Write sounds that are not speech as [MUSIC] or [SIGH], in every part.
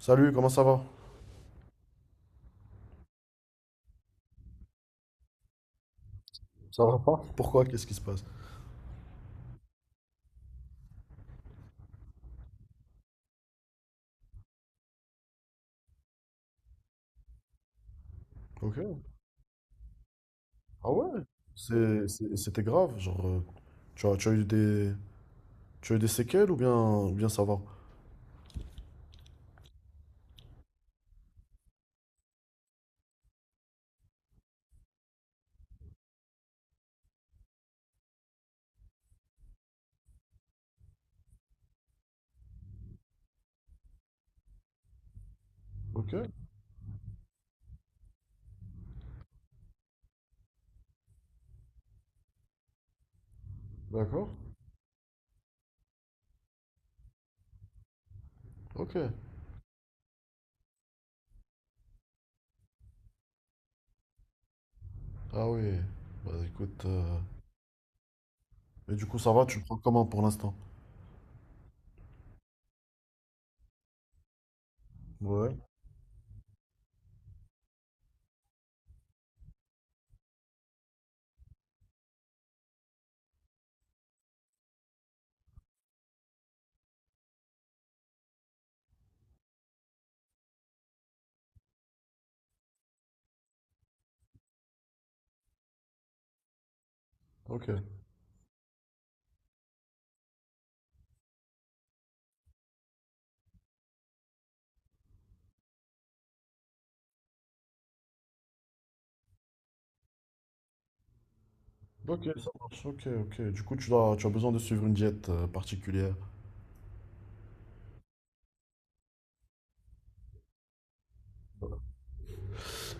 Salut, comment ça va? Pourquoi? Qu'est-ce qui se passe? Ok. C'était grave, genre, tu as eu tu as eu des séquelles ou bien ça va? Ok, d'accord. Ok. Ah oui. Bah écoute, et du coup ça va, tu le prends comment pour l'instant? Ouais. Ok. Ok, ça marche. Ok, ok. Du coup, tu as besoin de suivre une diète particulière.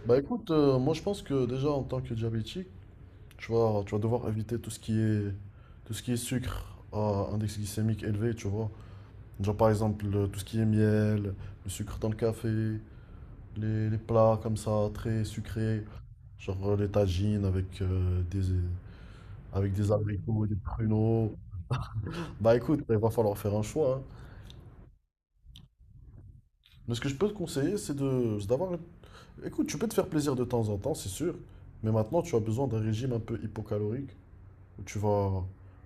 Bah écoute, moi je pense que déjà en tant que diabétique, tu vas devoir éviter tout ce qui est sucre à index glycémique élevé, tu vois. Genre par exemple tout ce qui est miel, le sucre dans le café, les plats comme ça, très sucrés, genre les tagines avec, avec des abricots et des pruneaux. Bah écoute, il va falloir faire un choix, hein. Mais ce que je peux te conseiller, c'est d'avoir... Écoute, tu peux te faire plaisir de temps en temps, c'est sûr, mais maintenant tu as besoin d'un régime un peu hypocalorique, où tu vas,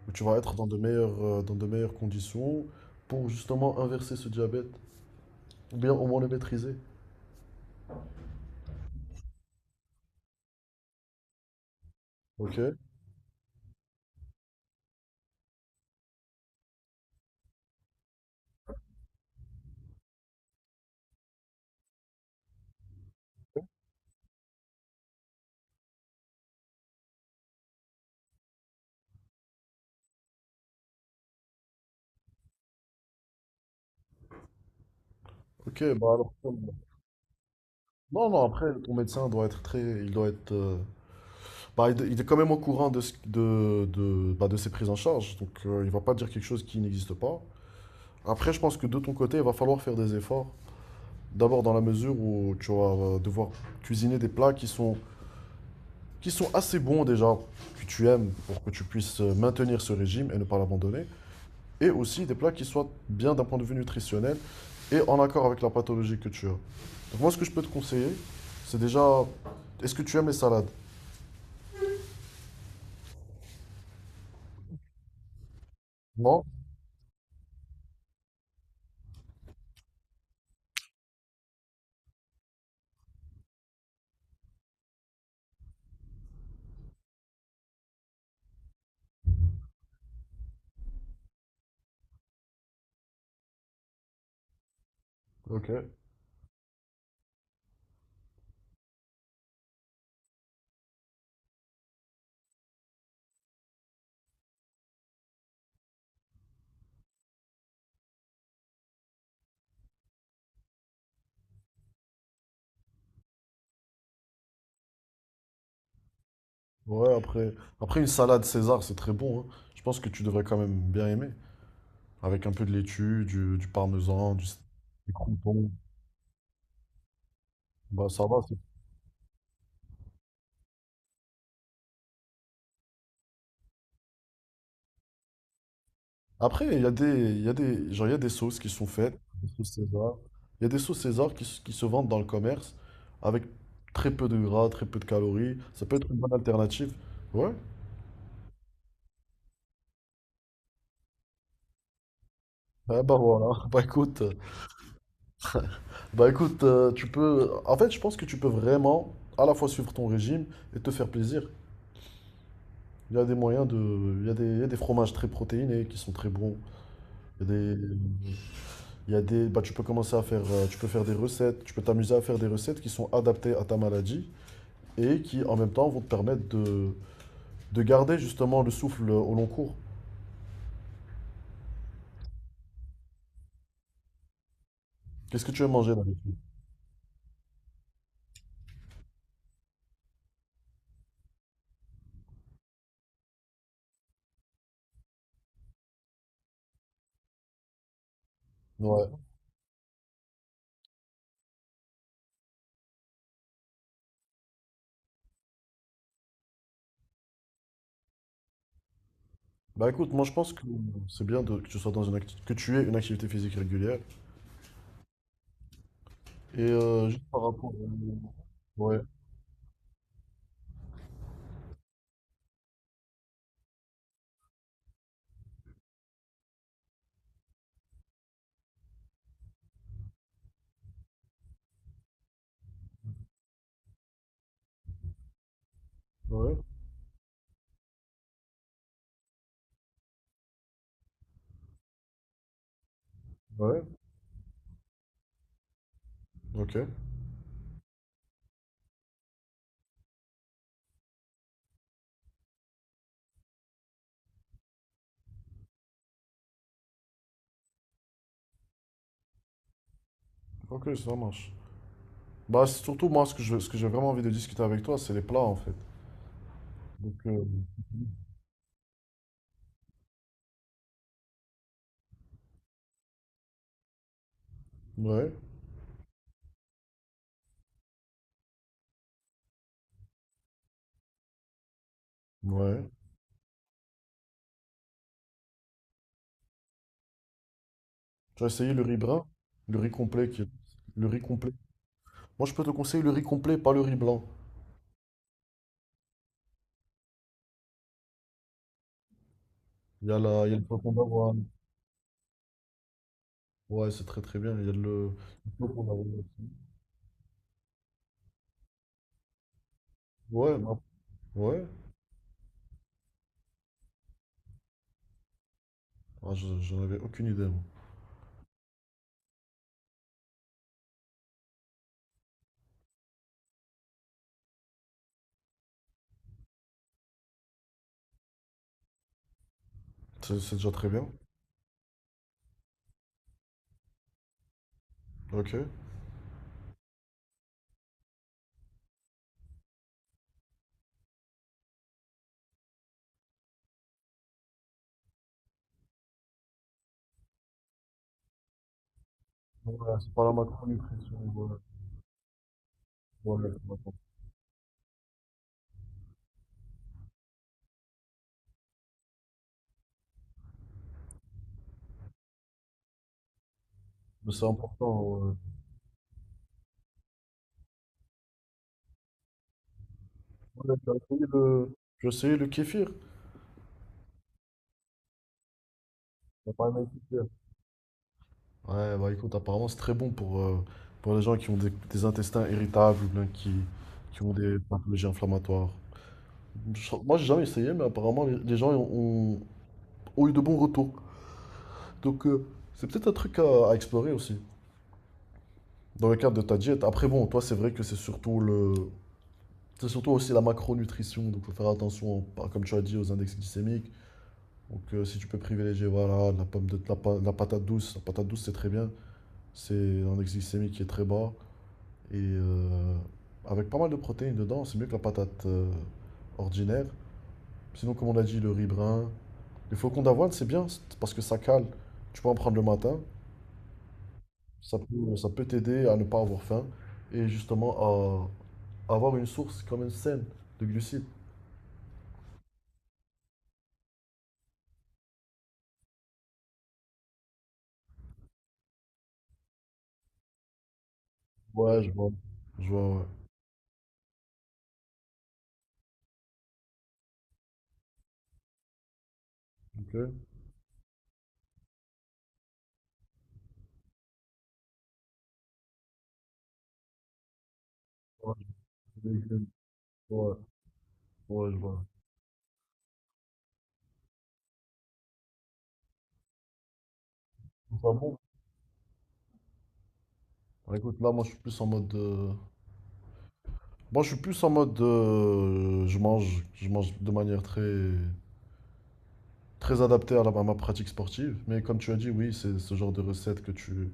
où tu vas être dans de meilleures conditions pour justement inverser ce diabète, ou bien au moins le maîtriser. Ok? Ok, bah alors. Non, non, après, ton médecin doit être très. Il doit être, bah, il est quand même au courant de, bah, de ses prises en charge. Donc, il va pas dire quelque chose qui n'existe pas. Après, je pense que de ton côté, il va falloir faire des efforts. D'abord, dans la mesure où tu vas devoir cuisiner des plats qui sont assez bons déjà, que tu aimes, pour que tu puisses maintenir ce régime et ne pas l'abandonner. Et aussi des plats qui soient bien d'un point de vue nutritionnel et en accord avec la pathologie que tu as. Donc moi, ce que je peux te conseiller, c'est déjà, est-ce que tu aimes les salades? Non? Ok. Ouais, après une salade César, c'est très bon, hein. Je pense que tu devrais quand même bien aimer. Avec un peu de laitue, du parmesan, du, des croutons. Bah ça va. Après, il y a des, il y a des, genre, il y a des sauces qui sont faites, des sauces César. Il y a des sauces César qui, s- qui se vendent dans le commerce avec très peu de gras, très peu de calories. Ça peut être une bonne alternative. Ouais. Ah bah voilà. [LAUGHS] Bah écoute, tu peux. En fait, je pense que tu peux vraiment à la fois suivre ton régime et te faire plaisir. Il y a des moyens de. Il y a des fromages très protéinés qui sont très bons. Il y a des. Il y a des. Bah tu peux commencer à faire, tu peux faire des recettes. Tu peux t'amuser à faire des recettes qui sont adaptées à ta maladie et qui en même temps vont te permettre de garder justement le souffle au long cours. Qu'est-ce que tu veux manger d'habitude? Ouais. Bah écoute, moi je pense que que tu sois dans une que tu aies une activité physique régulière. Et juste par rapport au- Ouais, ouais, ouais. Ok, ok, ça marche. Bah c'est surtout moi ce que je, ce que j'ai vraiment envie de discuter avec toi, c'est les plats en fait. Donc ouais, ouais. Tu as essayé le riz brun? Le riz complet qui est- Le riz complet. Moi je peux te conseiller le riz complet, pas le riz blanc. Il y a le flocon d'avoine. Ouais, c'est très très bien. Il y a le pot qu'on a remis. Ouais, bah, ouais. Ah, j'en avais aucune idée, moi. C'est déjà très bien. Ok. Ouais, c'est pas la macronutrition. Ouais, ouais, ouais. Mais c'est important. Ouais. Ouais, j'ai essayé le... J'ai essayé le kéfir. T'as pas aimé le kéfir. Ouais, bah écoute, apparemment c'est très bon pour les gens qui ont des intestins irritables ou bien qui ont des pathologies inflammatoires. Moi, j'ai jamais essayé, mais apparemment les gens ont eu de bons retours. Donc, c'est peut-être un truc à explorer aussi, dans le cadre de ta diète. Après, bon, toi, c'est vrai que c'est surtout le... C'est surtout aussi la macronutrition, donc il faut faire attention, par- comme tu as dit, aux index glycémiques. Donc si tu peux privilégier voilà, de la patate douce c'est très bien, c'est un index glycémique qui est très bas et avec pas mal de protéines dedans, c'est mieux que la patate ordinaire. Sinon, comme on a dit, le riz brun, le flocons d'avoine c'est bien parce que ça cale. Tu peux en prendre le matin. Ça peut t'aider à ne pas avoir faim et justement à avoir une source quand même saine de glucides. Ouais, je vois. Je vois, ouais. Ok. Ouais, je vois des légumes. Ouais, ouais, je vois. Enfin bon. Alors, écoute, là, moi, je suis plus en mode, moi, je suis plus en mode, je mange de manière très, très adaptée à, à ma pratique sportive. Mais comme tu as dit, oui, c'est ce genre de recette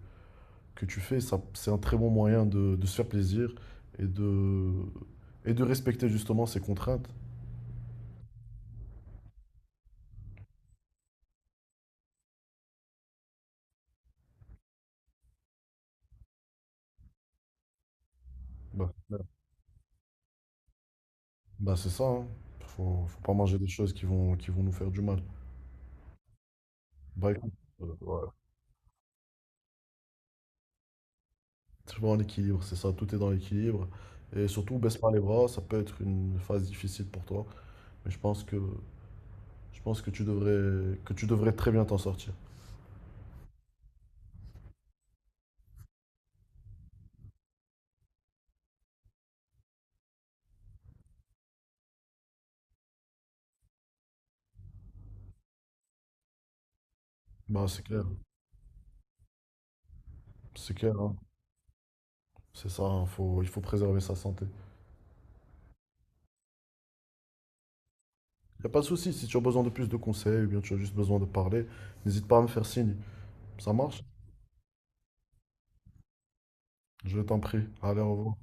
que tu fais, ça, c'est un très bon moyen de se faire plaisir et de, et de respecter justement ces contraintes. Bah, bah, bah, c'est ça, hein. Faut, faut pas manger des choses qui vont nous faire du mal. Bah écoute, ouais, c'est vraiment l'équilibre, c'est ça, tout est dans l'équilibre. Et surtout, baisse pas les bras, ça peut être une phase difficile pour toi, mais je pense que que tu devrais très bien t'en sortir. Bah c'est clair, hein. C'est ça, hein, faut, il faut préserver sa santé. Il n'y a pas de souci, si tu as besoin de plus de conseils ou bien tu as juste besoin de parler, n'hésite pas à me faire signe. Ça marche? Je t'en prie. Allez, au revoir.